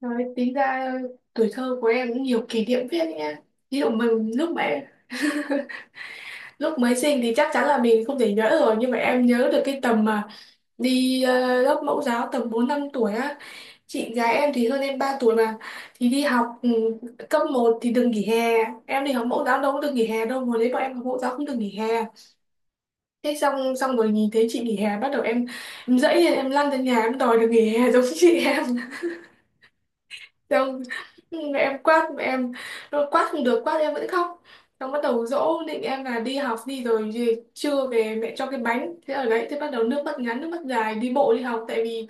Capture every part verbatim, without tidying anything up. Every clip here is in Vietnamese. Nói tính ra tuổi thơ của em cũng nhiều kỷ niệm phết nha. Ví dụ mình lúc mà lúc mới sinh thì chắc chắn là mình không thể nhớ rồi, nhưng mà em nhớ được cái tầm mà đi ờ, lớp mẫu giáo tầm bốn năm tuổi á. Chị gái em thì hơn em ba tuổi mà thì đi học ừ, cấp một thì đừng nghỉ hè. Em đi học mẫu giáo đâu có được nghỉ hè đâu, hồi đấy bọn em học mẫu giáo không được nghỉ hè. Thế xong xong rồi nhìn thấy chị nghỉ hè bắt đầu em em dẫy lên, em lăn ra nhà em đòi được nghỉ hè giống chị em. Xong mẹ em quát, mẹ em nó quát không được, quát em vẫn khóc, xong bắt đầu dỗ định em là đi học đi rồi về trưa về mẹ cho cái bánh, thế ở đấy thế bắt đầu nước mắt ngắn nước mắt dài đi bộ đi học, tại vì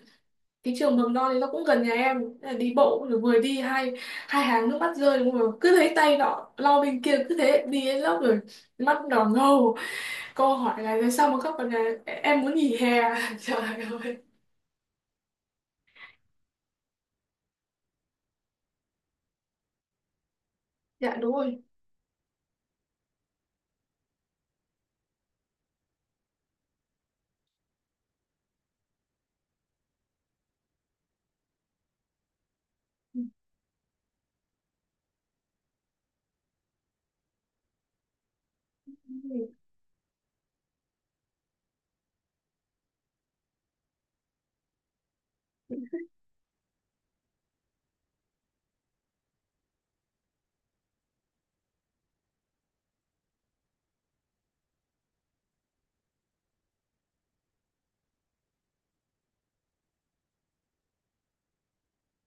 cái trường mầm non thì nó cũng gần nhà em. Thế là đi bộ rồi vừa đi hai hai hàng nước mắt rơi đúng không, cứ thấy tay nó lo bên kia cứ thế đi đến lớp rồi mắt đỏ ngầu, cô hỏi là sao mà khóc, còn là em muốn nghỉ hè. Trời ơi. Dạ đúng rồi.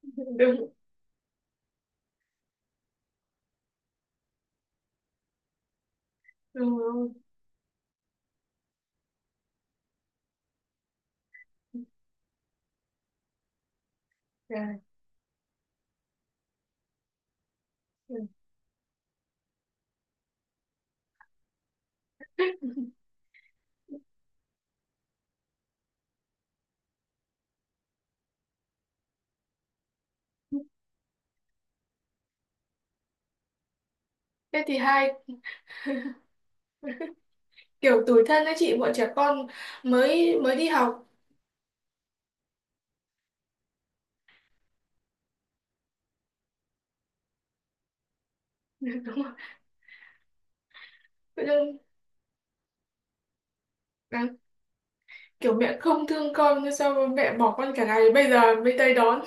Đúng, đúng rồi. Dạ. Thế thì hai kiểu tủi thân đấy chị, bọn trẻ con mới mới đi học. Đúng không? Tự dưng đáng- kiểu mẹ không thương con, nhưng sao mà mẹ bỏ con cả ngày bây giờ mới tới đón.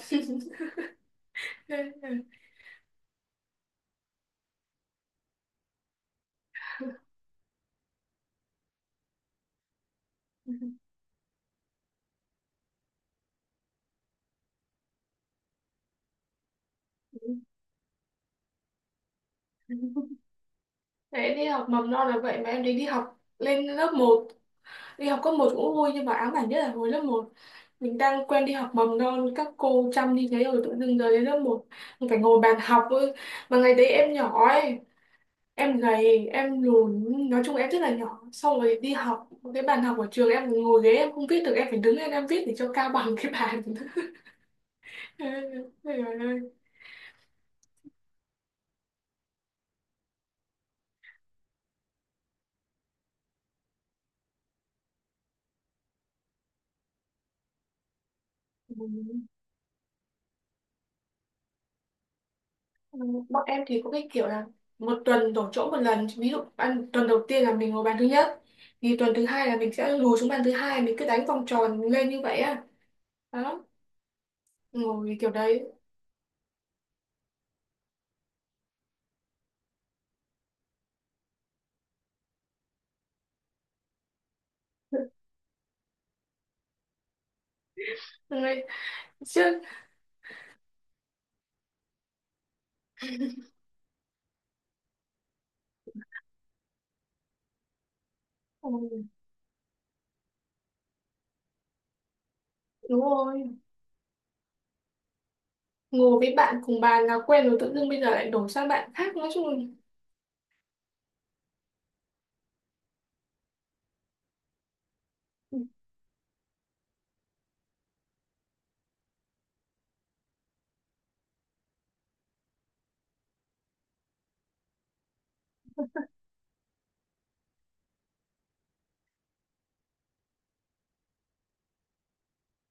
Đấy, đi học mầm non là vậy, mà em đi đi học lên lớp một, đi học cấp một cũng vui, nhưng mà ám ảnh nhất là hồi lớp một mình đang quen đi học mầm non các cô chăm đi, thế rồi tự dưng giờ đến lớp một mình phải ngồi bàn học ấy. Mà ngày đấy em nhỏ ấy, em gầy em lùn, nói chung em rất là nhỏ, xong rồi đi học cái bàn học ở trường, em ngồi ghế em không viết được, em phải đứng lên em viết để cho cao bằng cái bàn. Ê, ôi giời ơi. Ừ. Bọn em thì có cái kiểu là một tuần đổi chỗ một lần, ví dụ ăn tuần đầu tiên là mình ngồi bàn thứ nhất thì tuần thứ hai là mình sẽ lùi xuống bàn thứ hai, mình cứ đánh vòng tròn lên như vậy á. Đó, ngồi kiểu đấy. Ngồi- chứ ừ, đúng rồi, ngồi với bạn cùng bàn là quen rồi, tự dưng bây giờ lại đổi sang bạn khác, nói chung.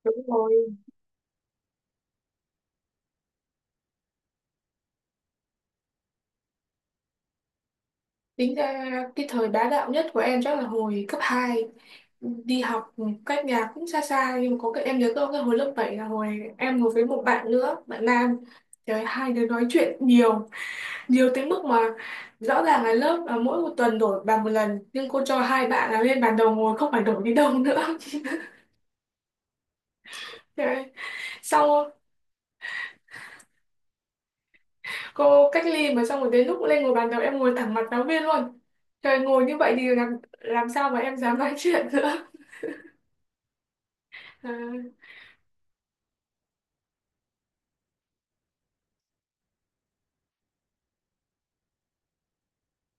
Đúng rồi, tính ra cái thời bá đạo nhất của em chắc là hồi cấp hai. Đi học cách nhà cũng xa xa, nhưng mà có cái em nhớ, có cái hồi lớp bảy là hồi em ngồi với một bạn nữa, bạn nam. Trời ơi, hai đứa nói chuyện nhiều, nhiều tới mức mà rõ ràng là lớp là mỗi một tuần đổi bàn một lần, nhưng cô cho hai bạn là lên bàn đầu ngồi không phải đổi đi đâu nữa. Trời ơi, xong cô cách ly mà, xong rồi đến lúc lên ngồi bàn đầu em ngồi thẳng mặt giáo viên luôn. Trời, ngồi như vậy thì làm làm sao mà em dám nói chuyện nữa. À,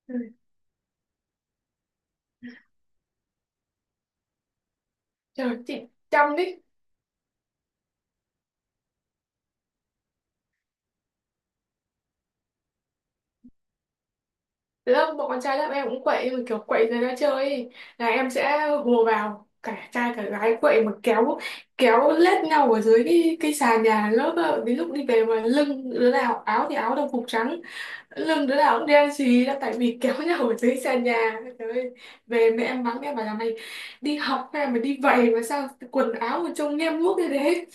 ừ. Trời, chị chăm đi. Từ lớp bọn con trai lớp em cũng quậy, nhưng mà kiểu quậy người ta chơi ấy, là em sẽ hùa vào, cả trai cả gái quậy mà kéo kéo lết nhau ở dưới cái cái sàn nhà lớp á. Đến lúc đi về mà lưng đứa nào áo thì áo đồng phục trắng, lưng đứa nào cũng đen xì là tại vì kéo nhau ở dưới sàn nhà. Trời ơi, về mẹ em mắng em bảo là mày đi học hay mà đi vậy mà sao quần áo mà trông nhem nhuốc như thế.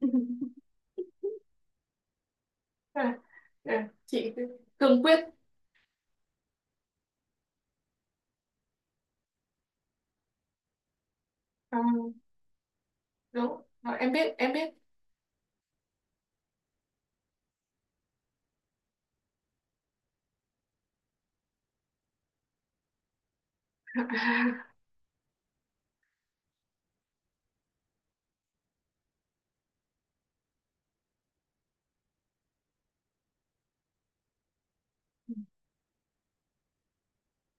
À, à, chị cương quyết. À, đúng rồi, em biết em biết.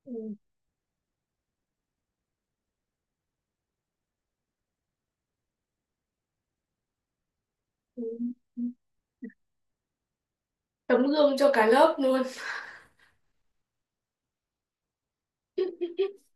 Ừ. Ừ. Tấm gương cho cả lớp luôn.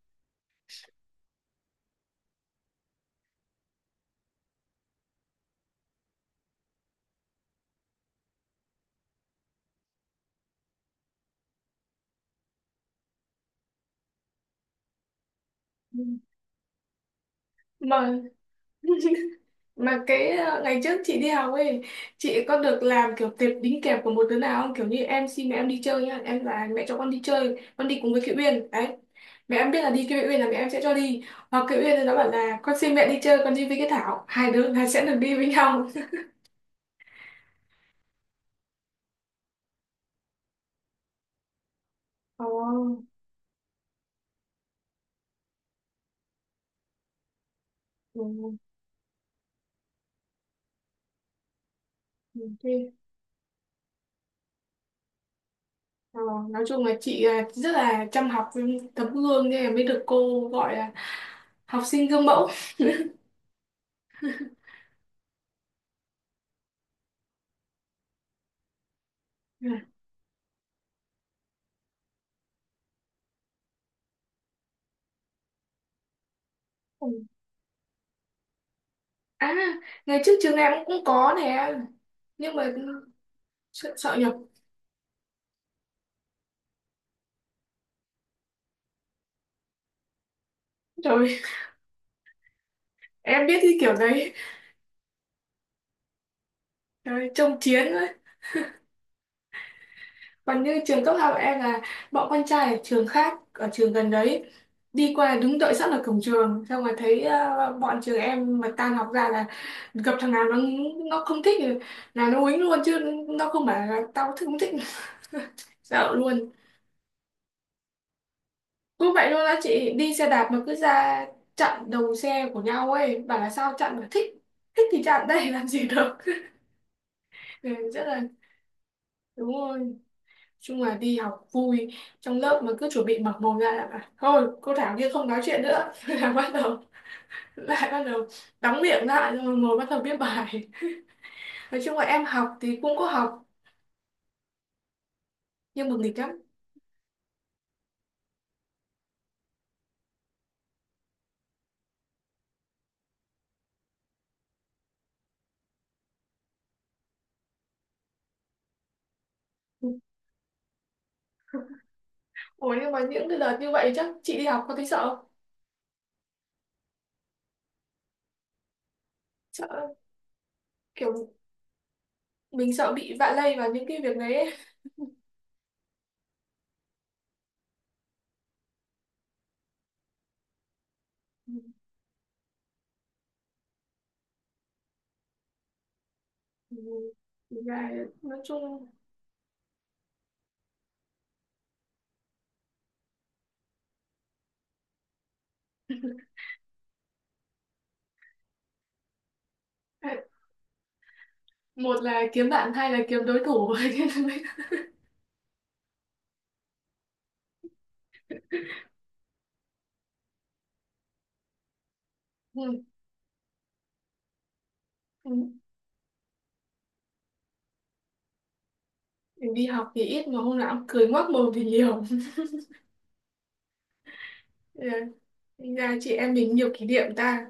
mà mà cái ờ, ngày trước chị đi học ấy, chị có được làm kiểu tệp đính kèm của một đứa nào không, kiểu như em xin mẹ em đi chơi nhá, em là mẹ cho con đi chơi, con đi cùng với Kiều Uyên đấy, mẹ em biết là đi Kiều Uyên là mẹ em sẽ cho đi, hoặc Kiều Uyên thì nó bảo là con xin mẹ đi chơi, con đi với cái Thảo, hai đứa hai sẽ được đi với nhau. Ồ, ừ, ok. Ờ, nói chung là chị à, rất là chăm học với tấm gương nên là mới được cô gọi là học sinh gương mẫu. Ừ. Ừ. À, ngày trước trường em cũng cũng có nè, nhưng mà sợ, sợ nhập. Rồi, em biết cái kiểu đấy. Trời, trông chiến ấy. Còn như trường cấp học em là bọn con trai ở trường khác, ở trường gần đấy, đi qua đứng đợi sẵn ở cổng trường, xong rồi thấy à, bọn trường em mà tan học ra là gặp thằng nào nó nó không thích thì là nó uýnh luôn chứ, nó không bảo là tao thích không thích, dạo luôn. Cứ vậy luôn á chị, đi xe đạp mà cứ ra chặn đầu xe của nhau ấy, bảo là sao chặn mà thích. Thích thì chặn đây làm gì được. Ừ, rất là đúng rồi, chung là đi học vui. Trong lớp mà cứ chuẩn bị mở mồm ra là bảo, thôi cô Thảo kia không nói chuyện nữa. Là bắt đầu, lại bắt đầu đóng miệng lại rồi ngồi bắt đầu viết bài. Nói chung là em học thì cũng có học, nhưng mà nghịch lắm. Ủa, nhưng mà những cái đợt như vậy chắc chị đi học có thấy sợ không? Sợ kiểu mình sợ bị vạ lây vào những cái việc đấy ấy. Ừ, gà nói chung một là kiếm bạn, hai là kiếm đối thủ. Ừ, ừ. Mình đi học thì ít mà hôm nào cũng cười ngoác mồm thì nhiều. Ừ, gà chị em mình nhiều kỷ niệm ta.